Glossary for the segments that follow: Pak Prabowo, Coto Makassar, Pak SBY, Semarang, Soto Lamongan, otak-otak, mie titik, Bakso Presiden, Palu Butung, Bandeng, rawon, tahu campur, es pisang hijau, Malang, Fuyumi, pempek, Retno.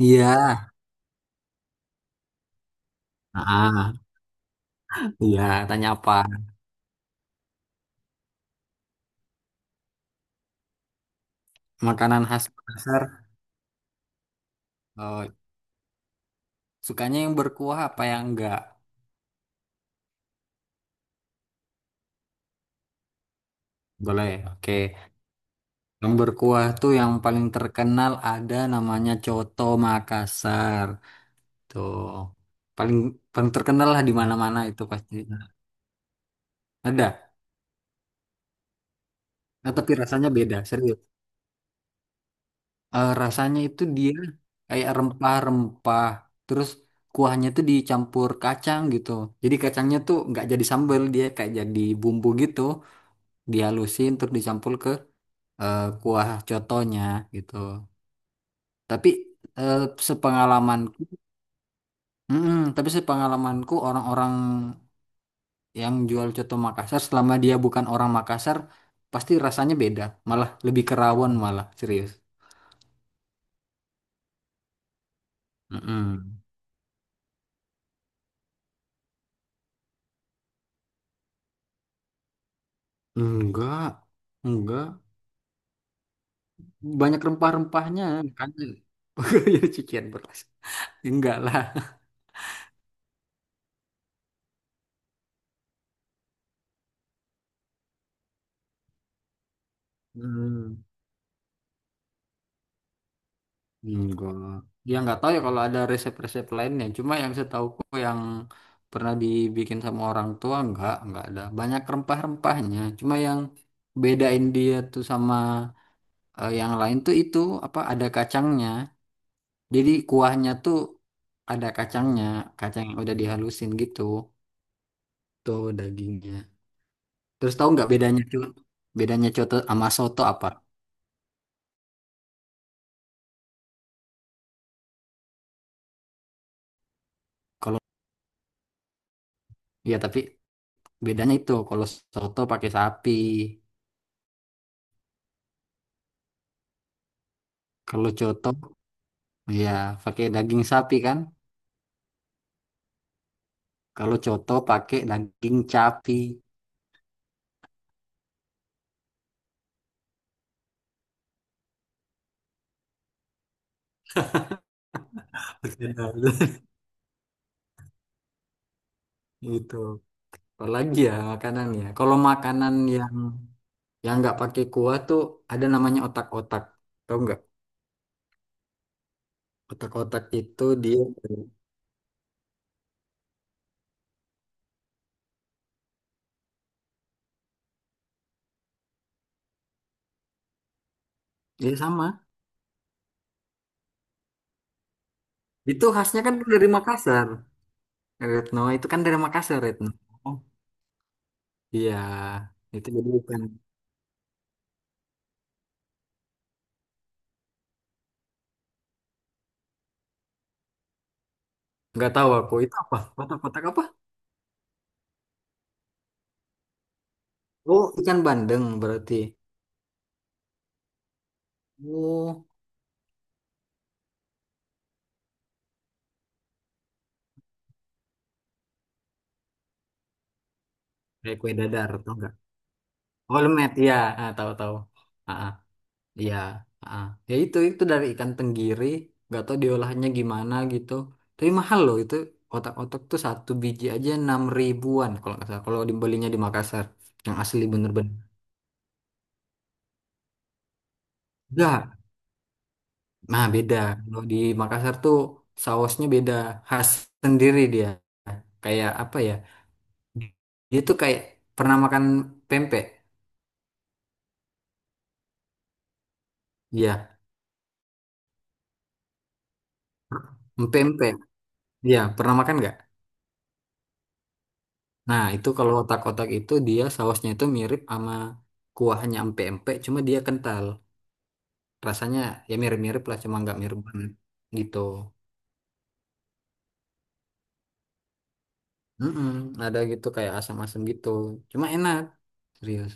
Iya. Ah, iya, tanya apa? Makanan khas Makassar. Oh, sukanya yang berkuah apa yang enggak? Boleh. Oke. Yang berkuah tuh yang paling terkenal ada namanya Coto Makassar. Tuh. Paling paling terkenal lah di mana-mana itu pasti. Ada. Nah, tapi rasanya beda, serius. Rasanya itu dia kayak rempah-rempah. Terus kuahnya tuh dicampur kacang gitu. Jadi kacangnya tuh nggak jadi sambal, dia kayak jadi bumbu gitu. Dihalusin untuk dicampur ke kuah cotonya gitu. Tapi eh, sepengalaman, Mm-mm, tapi sepengalamanku orang-orang yang jual coto Makassar selama dia bukan orang Makassar pasti rasanya beda, malah lebih kerawon malah serius. Mm-mm. Enggak, enggak. Banyak rempah-rempahnya, makanya jadi cucian beras. Enggak lah. Hmm. Gua ya nggak tahu ya kalau ada resep-resep lainnya. Cuma yang setauku yang pernah dibikin sama orang tua nggak ada. Banyak rempah-rempahnya. Cuma yang bedain dia tuh sama yang lain tuh itu apa ada kacangnya. Jadi kuahnya tuh ada kacangnya, kacang yang udah dihalusin gitu. Tuh dagingnya. Terus tahu nggak bedanya tuh? Bedanya coto sama soto apa? Kalau ya tapi bedanya itu kalau soto pakai sapi, kalau coto iya, pakai daging sapi kan? Kalau coto pakai daging capi. Gitu. Apalagi ya makanan ya. Kalau makanan yang nggak pakai kuah tuh ada namanya otak-otak. Tahu nggak? Otak-otak itu dia dia sama. Itu khasnya kan dari Makassar. Retno itu kan dari Makassar Retno. Oh, iya, itu jadi bukan. Nggak tahu aku itu apa? Otak-otak apa? Oh, ikan bandeng berarti. Oh, kayak kue dadar. Tahu nggak? Holmet ya ah, tahu-tahu ah ah, iya ah. Ah. Ya itu dari ikan tenggiri nggak tahu diolahnya gimana gitu tapi mahal loh itu otak-otak tuh satu biji aja 6 ribuan kalau nggak salah kalau dibelinya di Makassar yang asli bener-bener enggak nah beda kalau di Makassar tuh sausnya beda khas sendiri dia kayak apa ya dia tuh kayak pernah makan pempek iya, pempek. Iya, pernah makan nggak? Nah, itu kalau otak-otak itu dia sausnya itu mirip sama kuahnya empek-empek, cuma dia kental. Rasanya ya mirip-mirip lah, cuma nggak mirip banget gitu. Mm-mm, ada gitu kayak asam-asam gitu. Cuma enak, serius.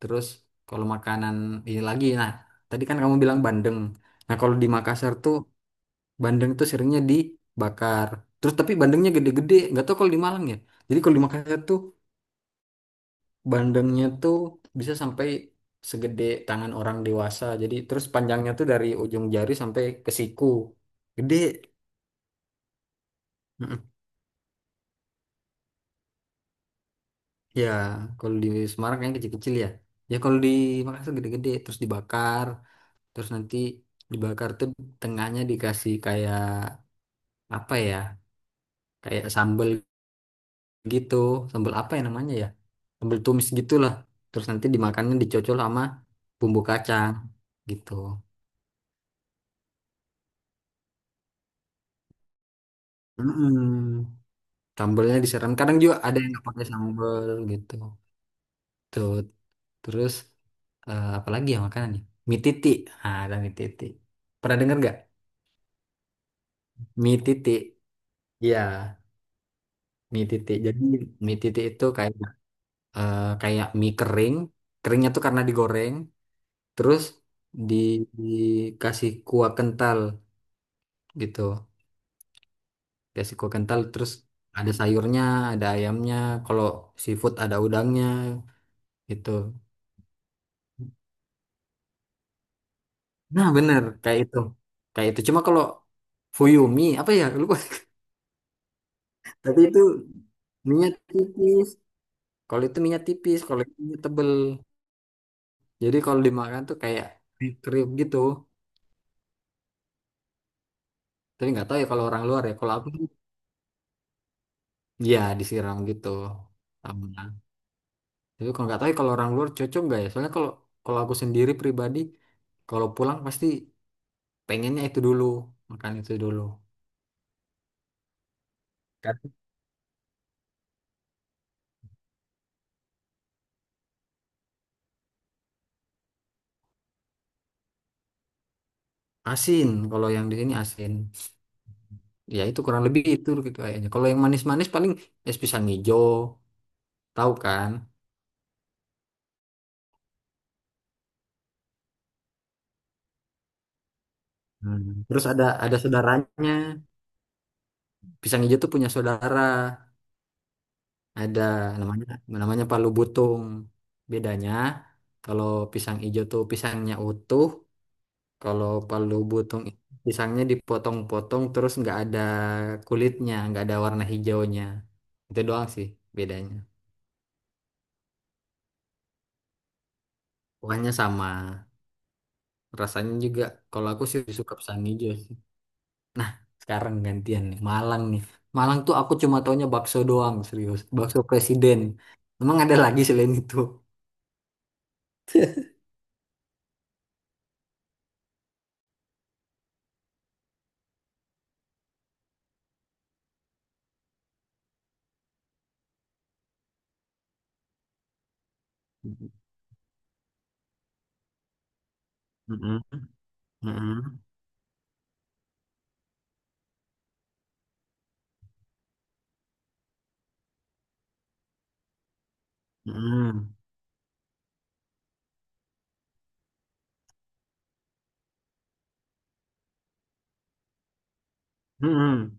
Terus kalau makanan ini lagi, nah tadi kan kamu bilang bandeng. Nah kalau di Makassar tuh bandeng tuh seringnya dibakar. Terus tapi bandengnya gede-gede, nggak tahu kalau di Malang ya. Jadi kalau di Makassar tuh bandengnya tuh bisa sampai segede tangan orang dewasa. Jadi terus panjangnya tuh dari ujung jari sampai ke siku. Gede. Mm-mm. Ya, kalau di Semarang yang kecil-kecil ya. Ya kalau di Makassar gede-gede terus dibakar, terus nanti dibakar tuh tengahnya dikasih kayak apa ya? Kayak sambel gitu. Sambel apa ya namanya ya? Sambel tumis gitulah. Terus nanti dimakannya dicocol sama bumbu kacang gitu. Mm-mm. Sambelnya disiram. Kadang juga ada yang nggak pakai sambel gitu. Tuh. Terus apa lagi ya makanannya? Mie titik. Ah, ada mie titik. Pernah dengar nggak? Mie titik. Iya, mie titik. Jadi mie titik itu kayak kayak mie kering. Keringnya tuh karena digoreng. Terus di, dikasih kuah kental gitu. Kasih kuah kental. Terus ada sayurnya, ada ayamnya. Kalau seafood ada udangnya gitu. Nah, bener kayak itu. Kayak itu. Cuma kalau Fuyumi apa ya? Lupa. Tapi itu minyak tipis. Kalau itu minyak tipis, kalau itu minyak tebel. Jadi kalau dimakan tuh kayak dikriuk gitu. Tapi nggak tahu ya kalau orang luar ya. Kalau aku ya disiram gitu. Sama. Tapi kalau nggak tahu ya kalau orang luar cocok nggak ya? Soalnya kalau kalau aku sendiri pribadi, kalau pulang pasti pengennya itu dulu, makan itu dulu. Kan asin, kalau yang di sini asin. Ya itu kurang lebih itu gitu kayaknya. Kalau yang manis-manis paling es pisang hijau, tahu kan? Hmm. Terus ada saudaranya. Pisang hijau tuh punya saudara. Ada namanya namanya Palu Butung. Bedanya kalau pisang hijau tuh pisangnya utuh, kalau Palu Butung itu pisangnya dipotong-potong terus nggak ada kulitnya, nggak ada warna hijaunya. Itu doang sih bedanya. Pokoknya sama. Rasanya juga kalau aku sih suka pisang hijau. Nah, sekarang gantian nih. Malang nih. Malang tuh aku cuma taunya bakso doang, serius. Bakso presiden. Emang ada lagi selain itu? Mm-mm, mm-mm, mm-mm, mm-mm.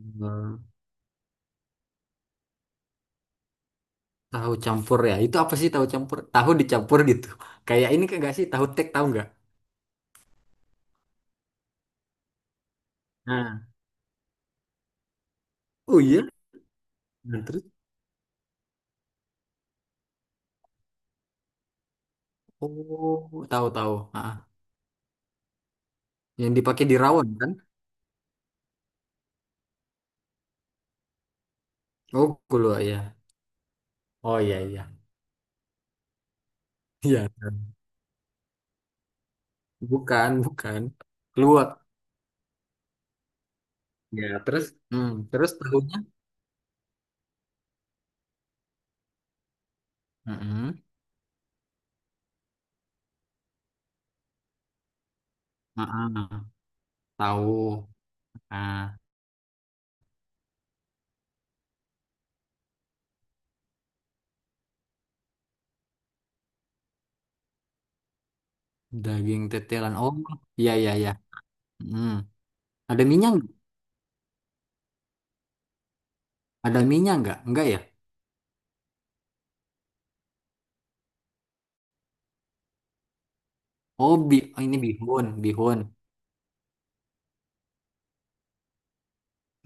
Mm. Tahu campur ya. Itu apa sih tahu campur? Tahu dicampur gitu. Kayak ini kan nggak sih? Tahu tek tahu nggak? Nah, oh iya. Nah. Terus oh tahu tahu. Ah, yang dipakai di rawon kan? Oh, keluar ya. Oh iya iya. Iya. Kan? Bukan, bukan. Keluar. Ya, terus tahunya. Heeh. Heeh. Tahu ah daging tetelan. Oh, iya iya iya. Heeh. Ada minyak, nggak? Ada minyak nggak? Enggak ya? Oh, oh, ini bihun, bihun.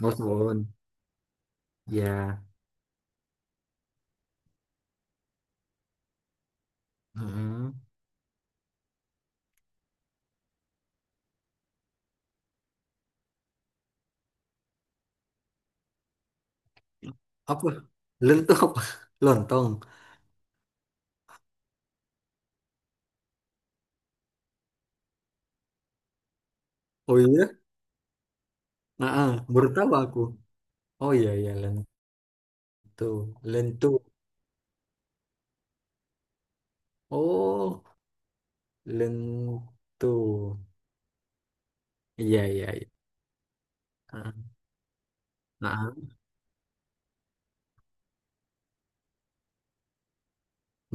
Oh, bihun. Ya. Heeh. Apa? Lentok apa? Lontong. Oh iya. Heeh, baru tahu aku. Oh iya iya lentu. Lentu. Oh, lentu. Iya iya iya. Heeh. Heeh.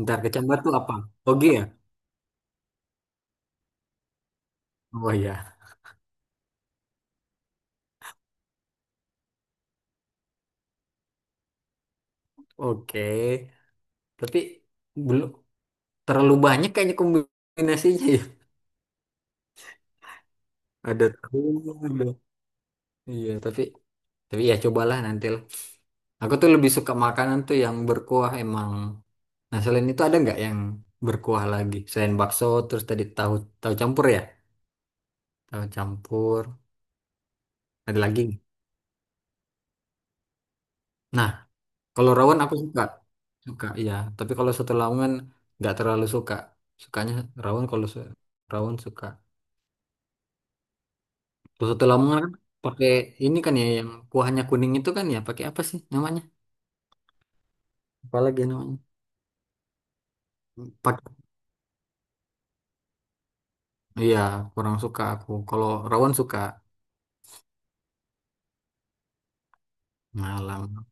Ntar kecambah tuh apa? Oke ya? Oh iya. Oke. Tapi belum terlalu banyak kayaknya kombinasinya ya. Ada tahu, ada. Iya, tapi ya cobalah nanti lah. Aku tuh lebih suka makanan tuh yang berkuah emang. Nah, selain itu ada nggak yang berkuah lagi? Selain bakso, terus tadi tahu tahu campur ya? Tahu campur. Ada lagi nggak? Nah, kalau rawon aku suka. Suka, iya. Tapi kalau soto Lamongan nggak terlalu suka. Sukanya rawon rawon suka. Soto Lamongan kan pakai ini kan ya yang kuahnya kuning itu kan ya pakai apa sih namanya? Apalagi namanya? Pakai iya kurang suka aku. Kalau rawon suka malam.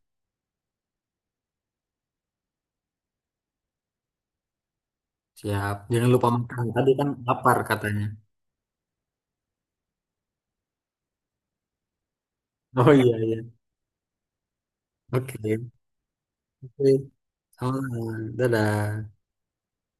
Siap. Jangan lupa makan. Tadi kan lapar katanya. Oh iya iya. Oke. Oke. Sama. Dadah.